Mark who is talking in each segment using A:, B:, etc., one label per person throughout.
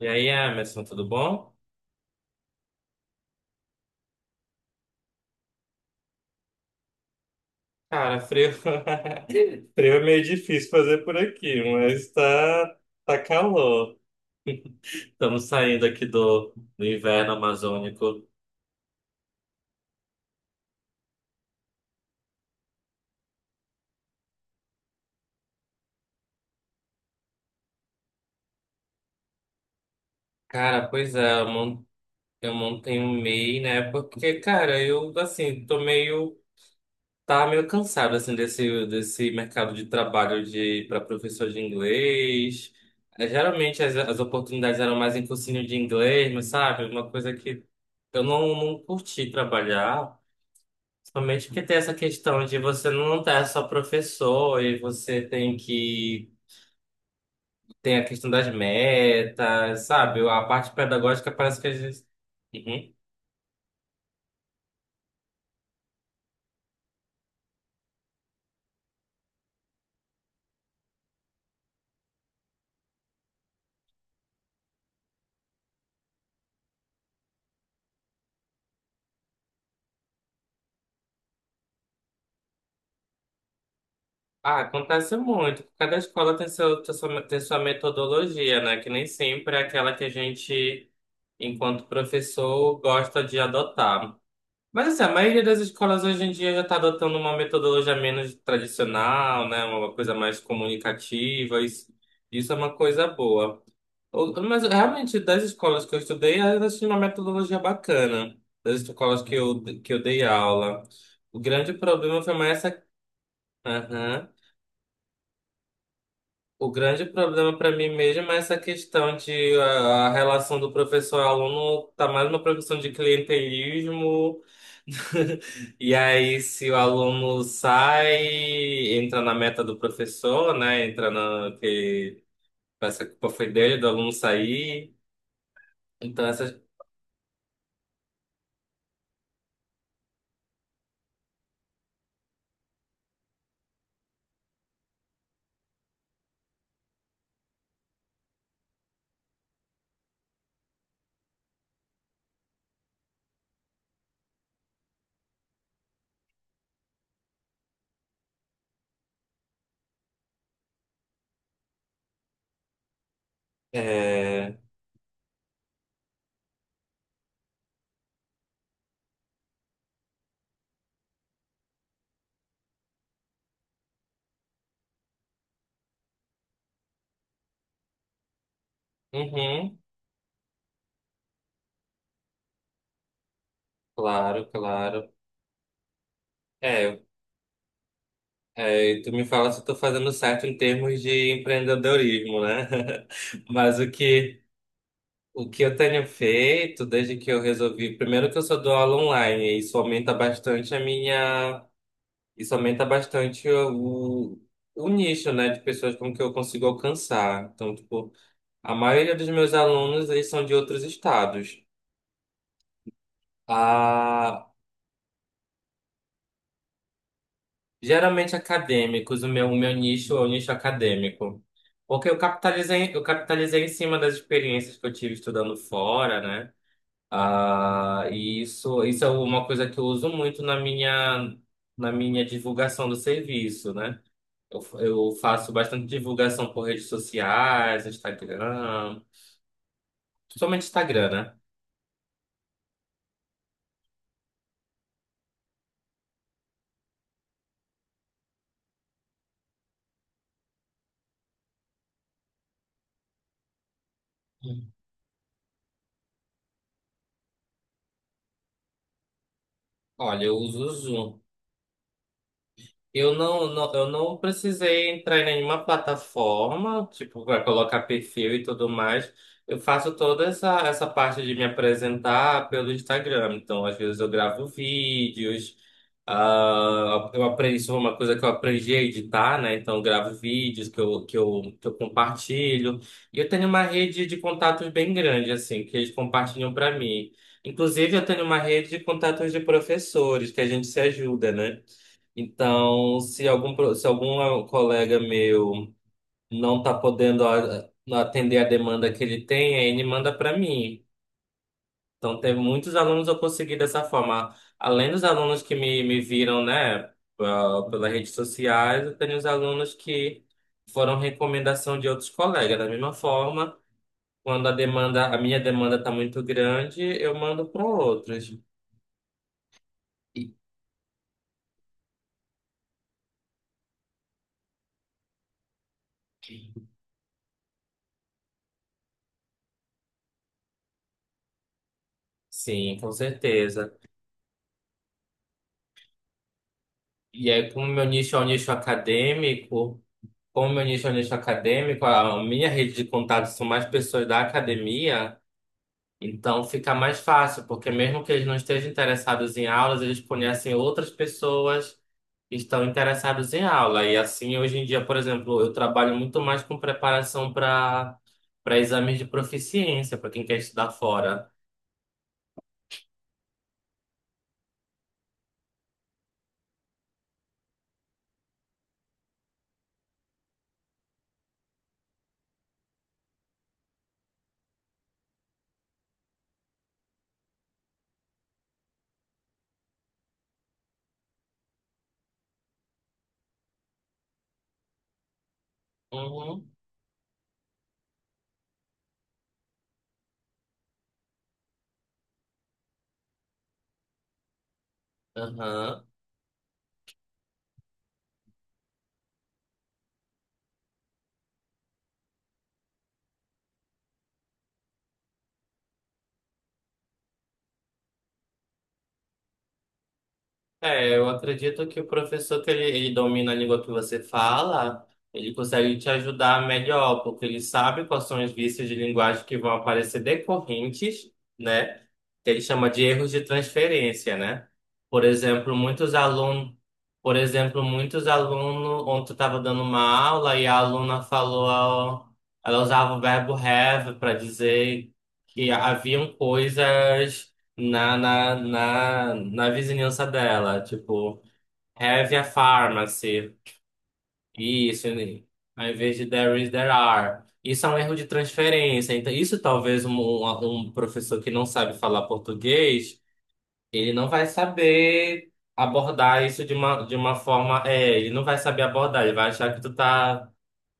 A: E aí, Emerson, tudo bom? Cara, frio... frio é meio difícil fazer por aqui, mas tá, tá calor. Estamos saindo aqui do inverno amazônico. Cara, pois é, eu montei um MEI, né? Porque, cara, eu, assim, tô meio. Tá meio cansado assim desse mercado de trabalho de para professor de inglês. É, geralmente as oportunidades eram mais em cursinho de inglês, mas sabe, uma coisa que eu não curti trabalhar, principalmente porque tem essa questão de você não estar só professor e você tem que tem a questão das metas, sabe? A parte pedagógica parece que às vezes. Uhum. Ah, acontece muito. Cada escola tem tem sua metodologia, né? Que nem sempre é aquela que a gente, enquanto professor, gosta de adotar. Mas assim, a maioria das escolas hoje em dia já está adotando uma metodologia menos tradicional, né? Uma coisa mais comunicativa. Isso, isso é uma coisa boa. Mas realmente, das escolas que eu estudei, elas tinham uma metodologia bacana. Das escolas que eu dei aula. O grande problema foi mais essa. Aham. O grande problema para mim mesmo é essa questão a relação do professor-aluno tá mais uma produção de clientelismo. E aí, se o aluno sai, entra na meta do professor, né? Entra na que essa culpa foi dele, do aluno sair. Então essas é, uhum, claro, claro. É, é, e tu me fala se eu tô fazendo certo em termos de empreendedorismo, né? Mas o que O que eu tenho feito desde que eu resolvi, primeiro que eu só dou aula online, e isso aumenta bastante isso aumenta bastante o nicho, né, de pessoas com que eu consigo alcançar. Então, tipo, a maioria dos meus alunos, eles são de outros estados. Ah, geralmente acadêmicos, o meu nicho é o nicho acadêmico. Porque eu capitalizei em cima das experiências que eu tive estudando fora, né? Ah, e isso é uma coisa que eu uso muito na minha divulgação do serviço, né? Eu faço bastante divulgação por redes sociais, Instagram, principalmente Instagram, né? Hum. Olha, eu uso o Zoom. Eu eu não precisei entrar em nenhuma plataforma, tipo, para colocar perfil e tudo mais. Eu faço toda essa parte de me apresentar pelo Instagram. Então, às vezes eu gravo vídeos, ah, eu aprendi, isso foi uma coisa que eu aprendi a editar, né? Então, eu gravo vídeos que eu compartilho. E eu tenho uma rede de contatos bem grande, assim, que eles compartilham para mim. Inclusive, eu tenho uma rede de contatos de professores, que a gente se ajuda, né? Então, se algum colega meu não está podendo atender a demanda que ele tem, aí ele manda para mim. Então, teve muitos alunos eu consegui dessa forma. Além dos alunos que me viram, né, pelas redes sociais, eu tenho os alunos que foram recomendação de outros colegas. Da mesma forma, quando a minha demanda está muito grande, eu mando para outros. E- Sim, com certeza. E aí, como meu nicho é um nicho acadêmico, como meu nicho é um nicho acadêmico, a minha rede de contatos são mais pessoas da academia, então fica mais fácil, porque mesmo que eles não estejam interessados em aulas, eles conhecem outras pessoas que estão interessadas em aula. E assim, hoje em dia, por exemplo, eu trabalho muito mais com preparação para exames de proficiência, para quem quer estudar fora. Uhum. Aham. É, eu acredito que o professor que ele domina a língua que você fala, ele consegue te ajudar melhor, porque ele sabe quais são os vícios de linguagem que vão aparecer decorrentes, né? Que ele chama de erros de transferência, né? Por exemplo, muitos alunos, por exemplo, muitos alunos, ontem eu estava dando uma aula e a aluna falou, ela usava o verbo have para dizer que haviam coisas na vizinhança dela. Tipo, have a pharmacy. Isso, né? Ao invés de there is, there are. Isso é um erro de transferência. Então, isso talvez um professor que não sabe falar português, ele não vai saber abordar isso de uma forma. É, ele não vai saber abordar, ele vai achar que tu tá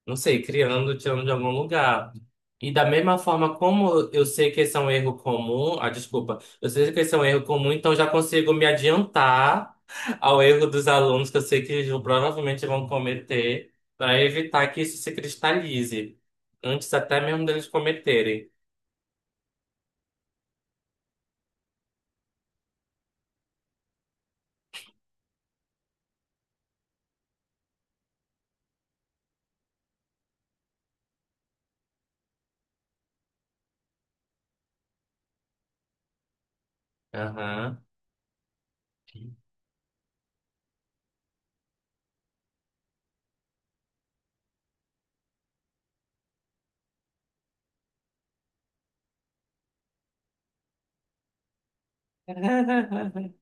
A: não sei, criando, tirando de algum lugar. E da mesma forma como eu sei que esse é um erro comum, ah, desculpa, eu sei que esse é um erro comum, então já consigo me adiantar ao erro dos alunos que eu sei que eles provavelmente vão cometer, para evitar que isso se cristalize, antes até mesmo deles cometerem. Aham.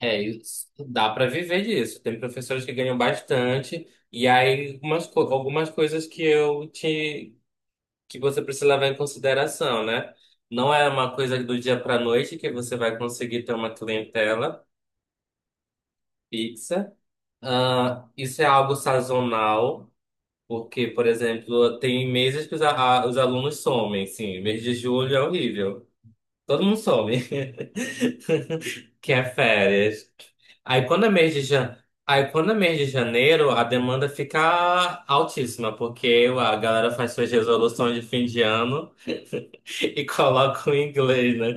A: É, isso, dá para viver disso. Tem professores que ganham bastante, e aí algumas coisas que eu que você precisa levar em consideração, né? Não é uma coisa do dia para noite que você vai conseguir ter uma clientela fixa. Ah, isso é algo sazonal, porque, por exemplo, tem meses que os alunos somem, sim. Mês de julho é horrível. Todo mundo some, que é férias. Aí quando é mês de jan... Aí quando é mês de janeiro, a demanda fica altíssima, porque a galera faz suas resoluções de fim de ano e coloca o inglês, né?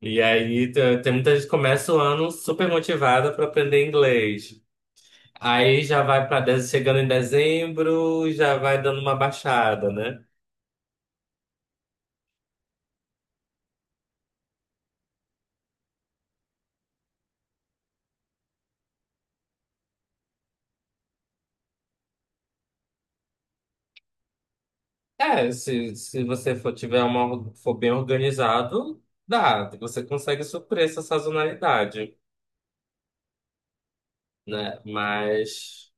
A: E aí tem muita gente que começa o ano super motivada para aprender inglês. Aí já vai para chegando em dezembro, já vai dando uma baixada, né? É, se você for tiver uma for bem organizado, dá, você consegue suprir essa sazonalidade, né? Mas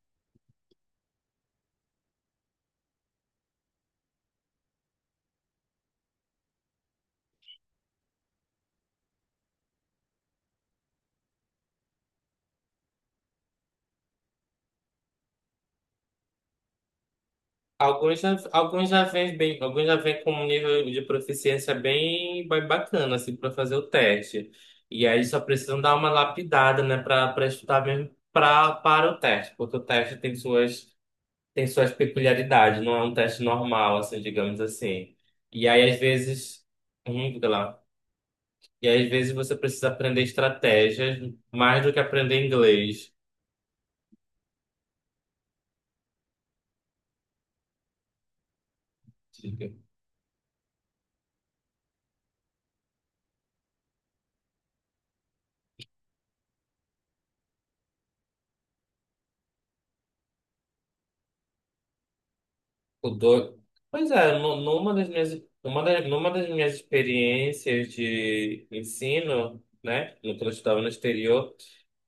A: alguns já, alguns já vêm bem, alguns já vêm com um nível de proficiência bem, bem bacana, assim, para fazer o teste. E aí só precisam dar uma lapidada, né, para estudar mesmo para o teste, porque o teste tem tem suas peculiaridades, não é um teste normal, assim, digamos assim. E aí, às vezes, diga lá. E aí, às vezes você precisa aprender estratégias mais do que aprender inglês. O do... Pois é, numa das minhas, numa das minhas experiências de ensino, né, quando eu estudava no exterior,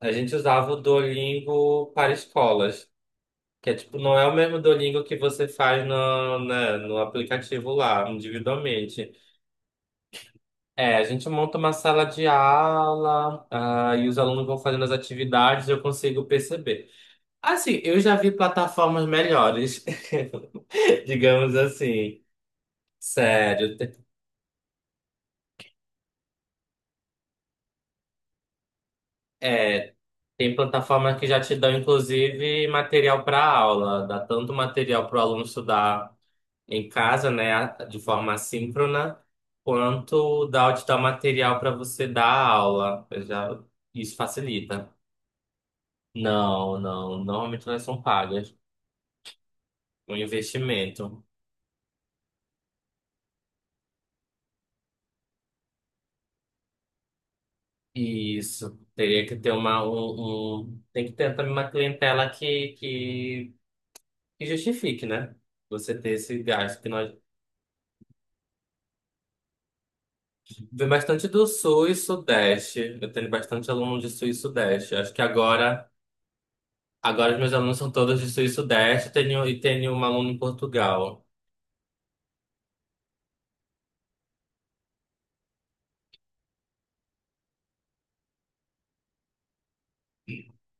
A: a gente usava o Duolingo para escolas, que é tipo, não é o mesmo Duolingo que você faz no aplicativo lá, individualmente. É, a gente monta uma sala de aula, ah, e os alunos vão fazendo as atividades, eu consigo perceber. Assim, eu já vi plataformas melhores, digamos assim. Sério, te- É, tem plataformas que já te dão, inclusive, material para aula, dá tanto material para o aluno estudar em casa, né, de forma assíncrona, quanto dá te dar material para você dar aula. Eu já, isso facilita. Não, não, normalmente elas são pagas, um investimento. Isso, teria que ter tem que ter também uma clientela que justifique, né? Você ter esse gasto que nós. Vem bastante do Sul e Sudeste. Eu tenho bastante aluno de Sul e Sudeste. Acho que agora, agora os meus alunos são todos de Sul e Sudeste. Tenho, e tenho um aluno em Portugal.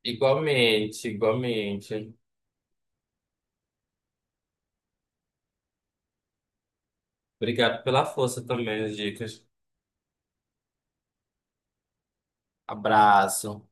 A: Igualmente, igualmente. Obrigado pela força também, as dicas. Abraço.